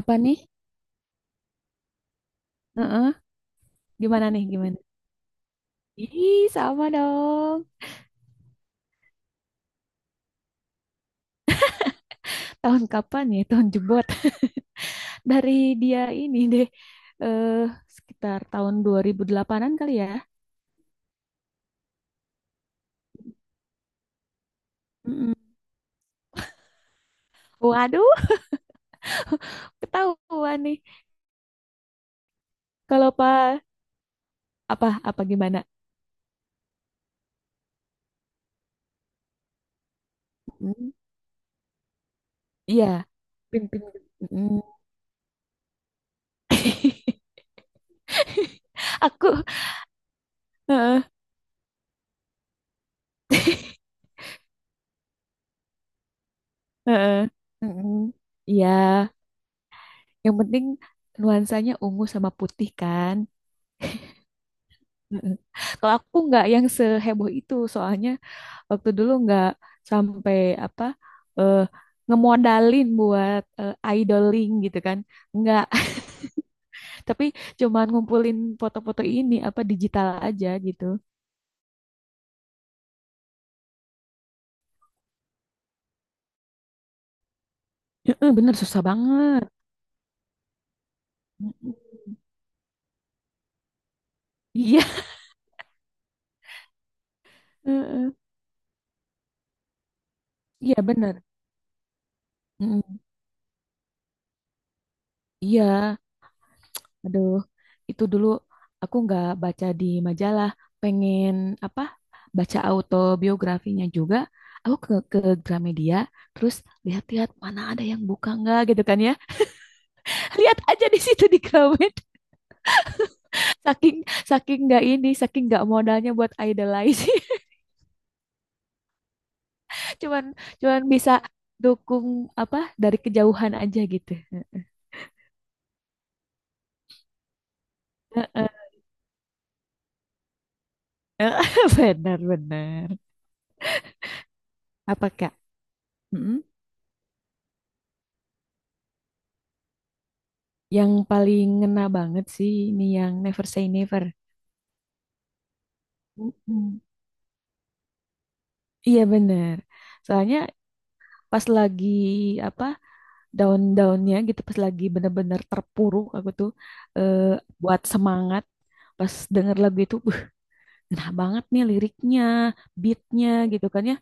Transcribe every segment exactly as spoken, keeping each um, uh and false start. Apa nih? Heeh. Gimana nih? Gimana? Ih, sama dong. Tahun kapan ya? Tahun jebot. Dari dia ini deh. Eh, Sekitar tahun dua ribu delapan-an kali ya. Mm-mm. Waduh, ketahuan nih. Kalau pak apa apa gimana? Mm. Iya, pin pin. Mm. Aku, heeh, heeh, mm. Iya, yang penting nuansanya ungu sama putih kan. Heeh. Kalau aku nggak yang seheboh itu, soalnya waktu dulu nggak sampai apa eh, ngemodalin buat eh, idoling gitu kan, nggak. Tapi cuman ngumpulin foto-foto ini apa digital aja gitu. Heeh, bener susah banget. Mm. Iya. Heeh. Iya bener. Mm. Iya. Aduh, itu dulu aku nggak baca di majalah, pengen apa? Baca autobiografinya juga. Aku ke ke Gramedia, terus lihat-lihat mana ada yang buka nggak gitu kan ya. Lihat aja di situ di Gramet. Saking saking nggak ini, saking nggak modalnya buat idolize. Cuman cuman bisa dukung apa dari kejauhan aja gitu. Heeh. Benar-benar. Apa Kak? Mm-mm. Yang paling ngena banget sih ini yang Never Say Never. Mm. Iya bener. Soalnya pas lagi apa daun-daunnya gitu, pas lagi bener-bener terpuruk aku tuh eh, buat semangat. Pas denger lagu itu, uh, enak banget nih liriknya, beatnya gitu kan ya.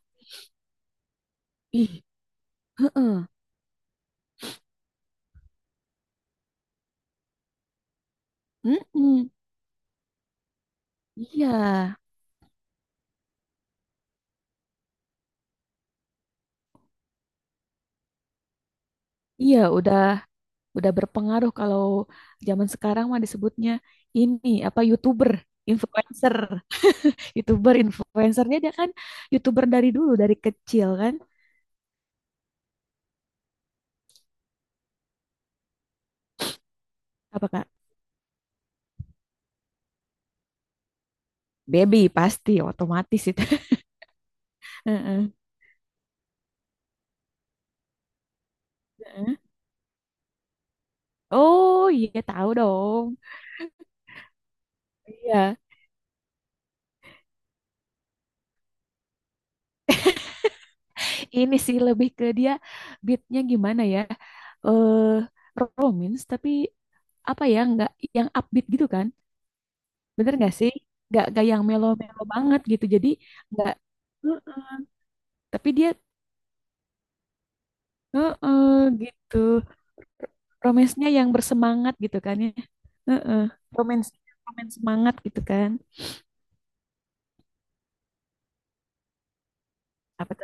Ih, mm-mm, iya, iya, udah udah berpengaruh. Kalau zaman sekarang mah disebutnya ini apa, YouTuber, influencer. YouTuber, influencernya dia kan YouTuber dari dulu dari kecil kan. Apa Kak? Baby pasti otomatis itu. Heeh, heeh. Oh iya tahu dong. Iya, ini sih lebih ke dia, beatnya gimana ya? Eh Romance tapi apa ya, nggak yang upbeat gitu kan? Bener nggak sih? Nggak nggak yang melo-melo banget gitu. Jadi nggak. Heeh. Tapi dia, heeh, gitu. Romance-nya yang bersemangat gitu kan ya. Heeh. Romance, romance semangat gitu kan. Apa?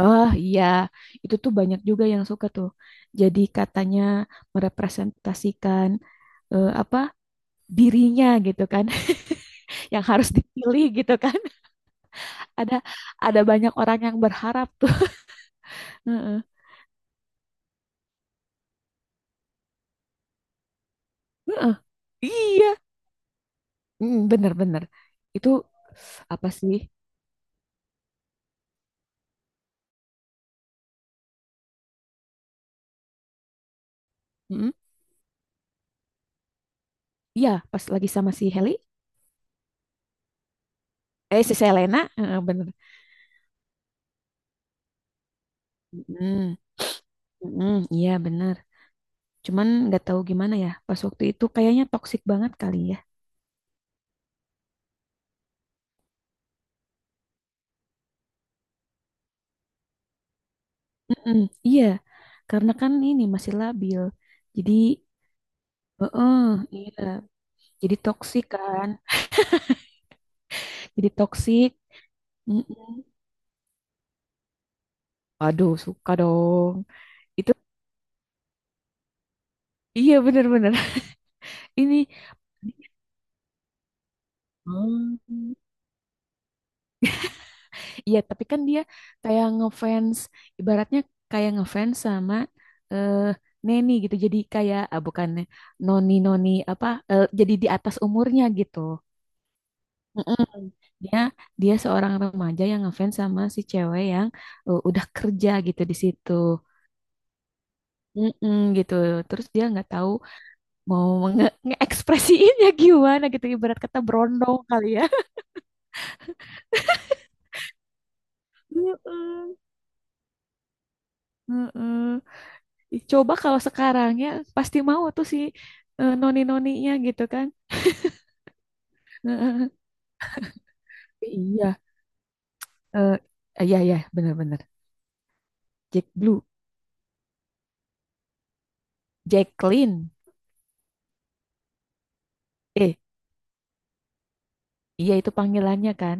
Oh iya, itu tuh banyak juga yang suka tuh. Jadi katanya merepresentasikan eh, apa, dirinya gitu kan. Yang harus dipilih gitu kan. Ada ada banyak orang yang berharap tuh. Heeh. Heeh. Iya. Mm, bener-bener. Itu apa sih? Mm. Iya, pas lagi sama si Heli, eh si Selena. Heeh, bener. Mm, mm, iya bener. Cuman nggak tahu gimana ya. Pas waktu itu kayaknya toksik banget kali ya. Mm-mm, iya, karena kan ini masih labil. Jadi, heeh, iya. Jadi toksik kan. Jadi toksik. Mm-mm. Waduh, suka dong. Itu iya bener-bener. Ini. Hmm. Iya, tapi kan dia kayak ngefans, ibaratnya kayak ngefans sama eh Neni gitu. Jadi kayak ah, bukannya noni-noni apa, eh, jadi di atas umurnya gitu. Mm-mm. Dia dia seorang remaja yang ngefans sama si cewek yang uh, udah kerja gitu di situ. Mm-mm, gitu. Terus dia nggak tahu mau nge- ngeekspresiinnya gimana gitu. Ibarat kata berondong kali ya. Mm-mm, mm-mm. Ih, coba kalau sekarang ya, pasti mau tuh si eh, noni-noninya gitu kan. Mm. Iya, eh, iya iya benar-benar. Jack Blue, Jacqueline. Eh, iya itu panggilannya kan?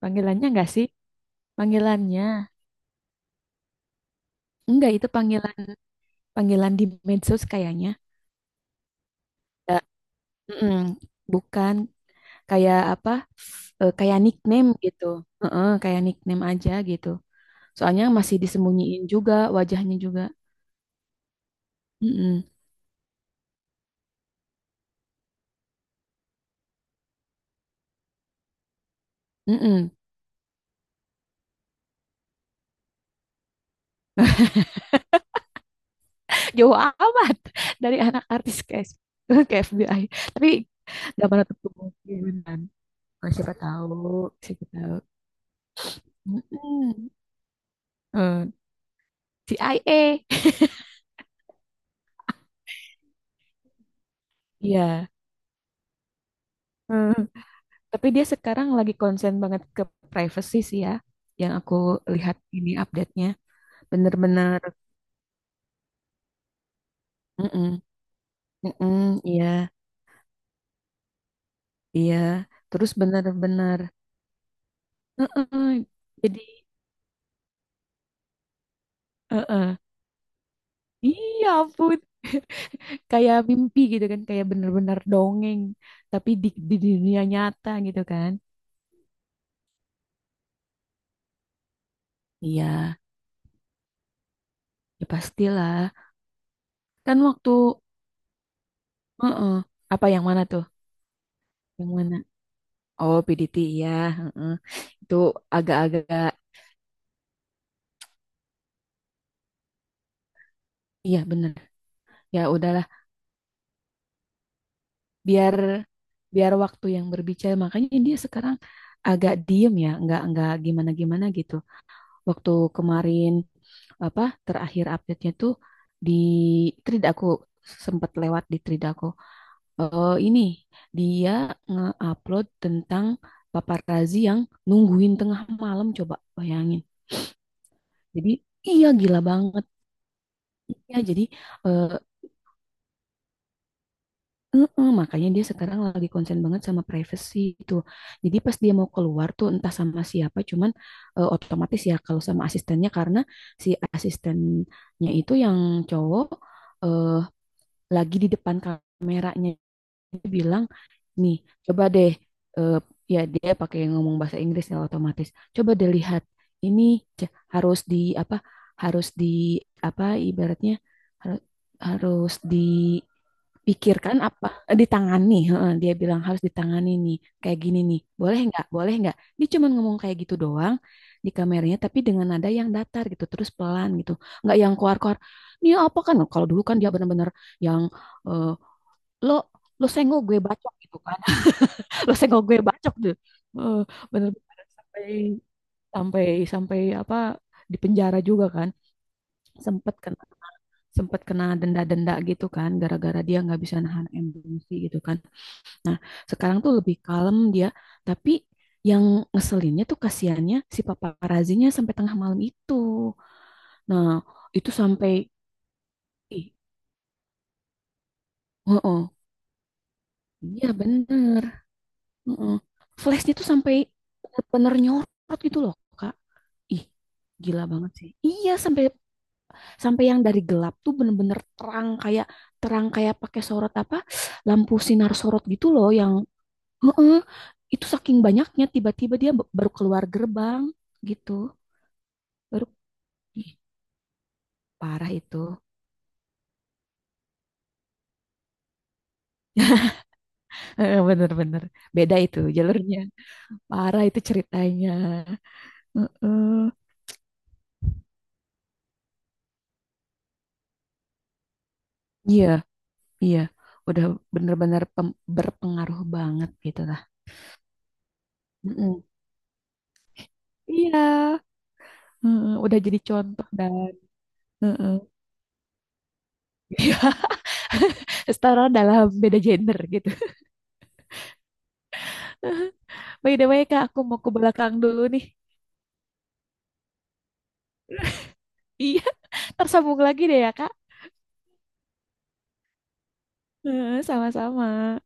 Panggilannya enggak sih? Panggilannya. Enggak, itu panggilan panggilan di medsos kayaknya. Eh, mm-mm, bukan kayak apa? Eh, kayak nickname gitu. Heeh, kayak nickname aja gitu. Soalnya masih disembunyiin juga wajahnya juga. Mm-mm, mm-mm. Jauh amat dari anak artis ke S- ke F B I. Tapi nggak menutup kemungkinan. Oh, siapa tahu, siapa tahu. Mm-mm. Eh, C I A. Iya. Tapi dia sekarang lagi konsen banget ke privacy sih ya, yang aku lihat ini update-nya. Bener-bener, mm-mm, mm-mm, iya, iya. Terus bener-bener, mm-mm, jadi, mm-mm. Iya ampun. Kayak mimpi gitu kan, kayak bener-bener dongeng, tapi di, di dunia nyata gitu kan. Iya, ya pastilah. Kan waktu, mm, apa yang mana tuh? Yang mana? Oh, P D T, iya. Mm-mm. Itu agak-agak. Iya bener, ya udahlah, biar biar waktu yang berbicara, makanya dia sekarang agak diem ya, nggak nggak gimana gimana gitu waktu kemarin. Apa terakhir update-nya tuh di thread aku, sempat lewat di thread aku. Eh, ini dia nge-upload tentang paparazzi yang nungguin tengah malam, coba bayangin. Jadi iya gila banget ya, jadi eh, heeh, makanya dia sekarang lagi konsen banget sama privacy itu. Jadi pas dia mau keluar tuh entah sama siapa, cuman eh, otomatis ya kalau sama asistennya, karena si asistennya itu yang cowok, eh, lagi di depan kameranya dia bilang, "Nih, coba deh, eh, ya dia pakai ngomong bahasa Inggris ya otomatis. Coba deh lihat ini, c- harus di apa? Harus di apa ibaratnya, har- harus pikirkan apa, eh, ditangani." Heeh, dia bilang harus ditangani nih, kayak gini nih, boleh nggak boleh nggak. Dia cuma ngomong kayak gitu doang di kameranya, tapi dengan nada yang datar gitu, terus pelan gitu, nggak yang keluar-keluar nih apa. Kan kalau dulu kan dia benar-benar yang eh, lo, lo senggol gue bacok gitu kan. Lo senggol gue bacok tuh. Eh, Bener-bener sampai, sampai sampai apa, di penjara juga kan, sempet kena, sempet kena denda-denda gitu kan, gara-gara dia nggak bisa nahan emosi gitu kan. Nah, sekarang tuh lebih kalem dia, tapi yang ngeselinnya tuh kasihannya si paparazinya sampai tengah malam itu. Nah, itu sampai ih, heeh. Iya bener. Heeh. Flashnya tuh sampai bener-bener nyorot gitu loh, Kak. Ih, gila banget sih. Iya, sampai sampai yang dari gelap tuh bener-bener terang, kayak terang kayak pakai sorot apa? Lampu sinar sorot gitu loh yang, heeh, itu saking banyaknya, tiba-tiba dia b- baru keluar gerbang gitu. Baru ih, parah itu. Heeh, bener-bener beda itu jalurnya. Parah itu ceritanya. Heeh. Iya, iya. Udah bener-bener pem- berpengaruh banget gitu lah. Heeh. Iya, heeh, udah jadi contoh dan heeh. Iya, setara dalam beda gender gitu. By the way, Kak, aku mau ke belakang dulu nih. Iya, tersambung lagi deh ya, Kak. Heeh, sama-sama.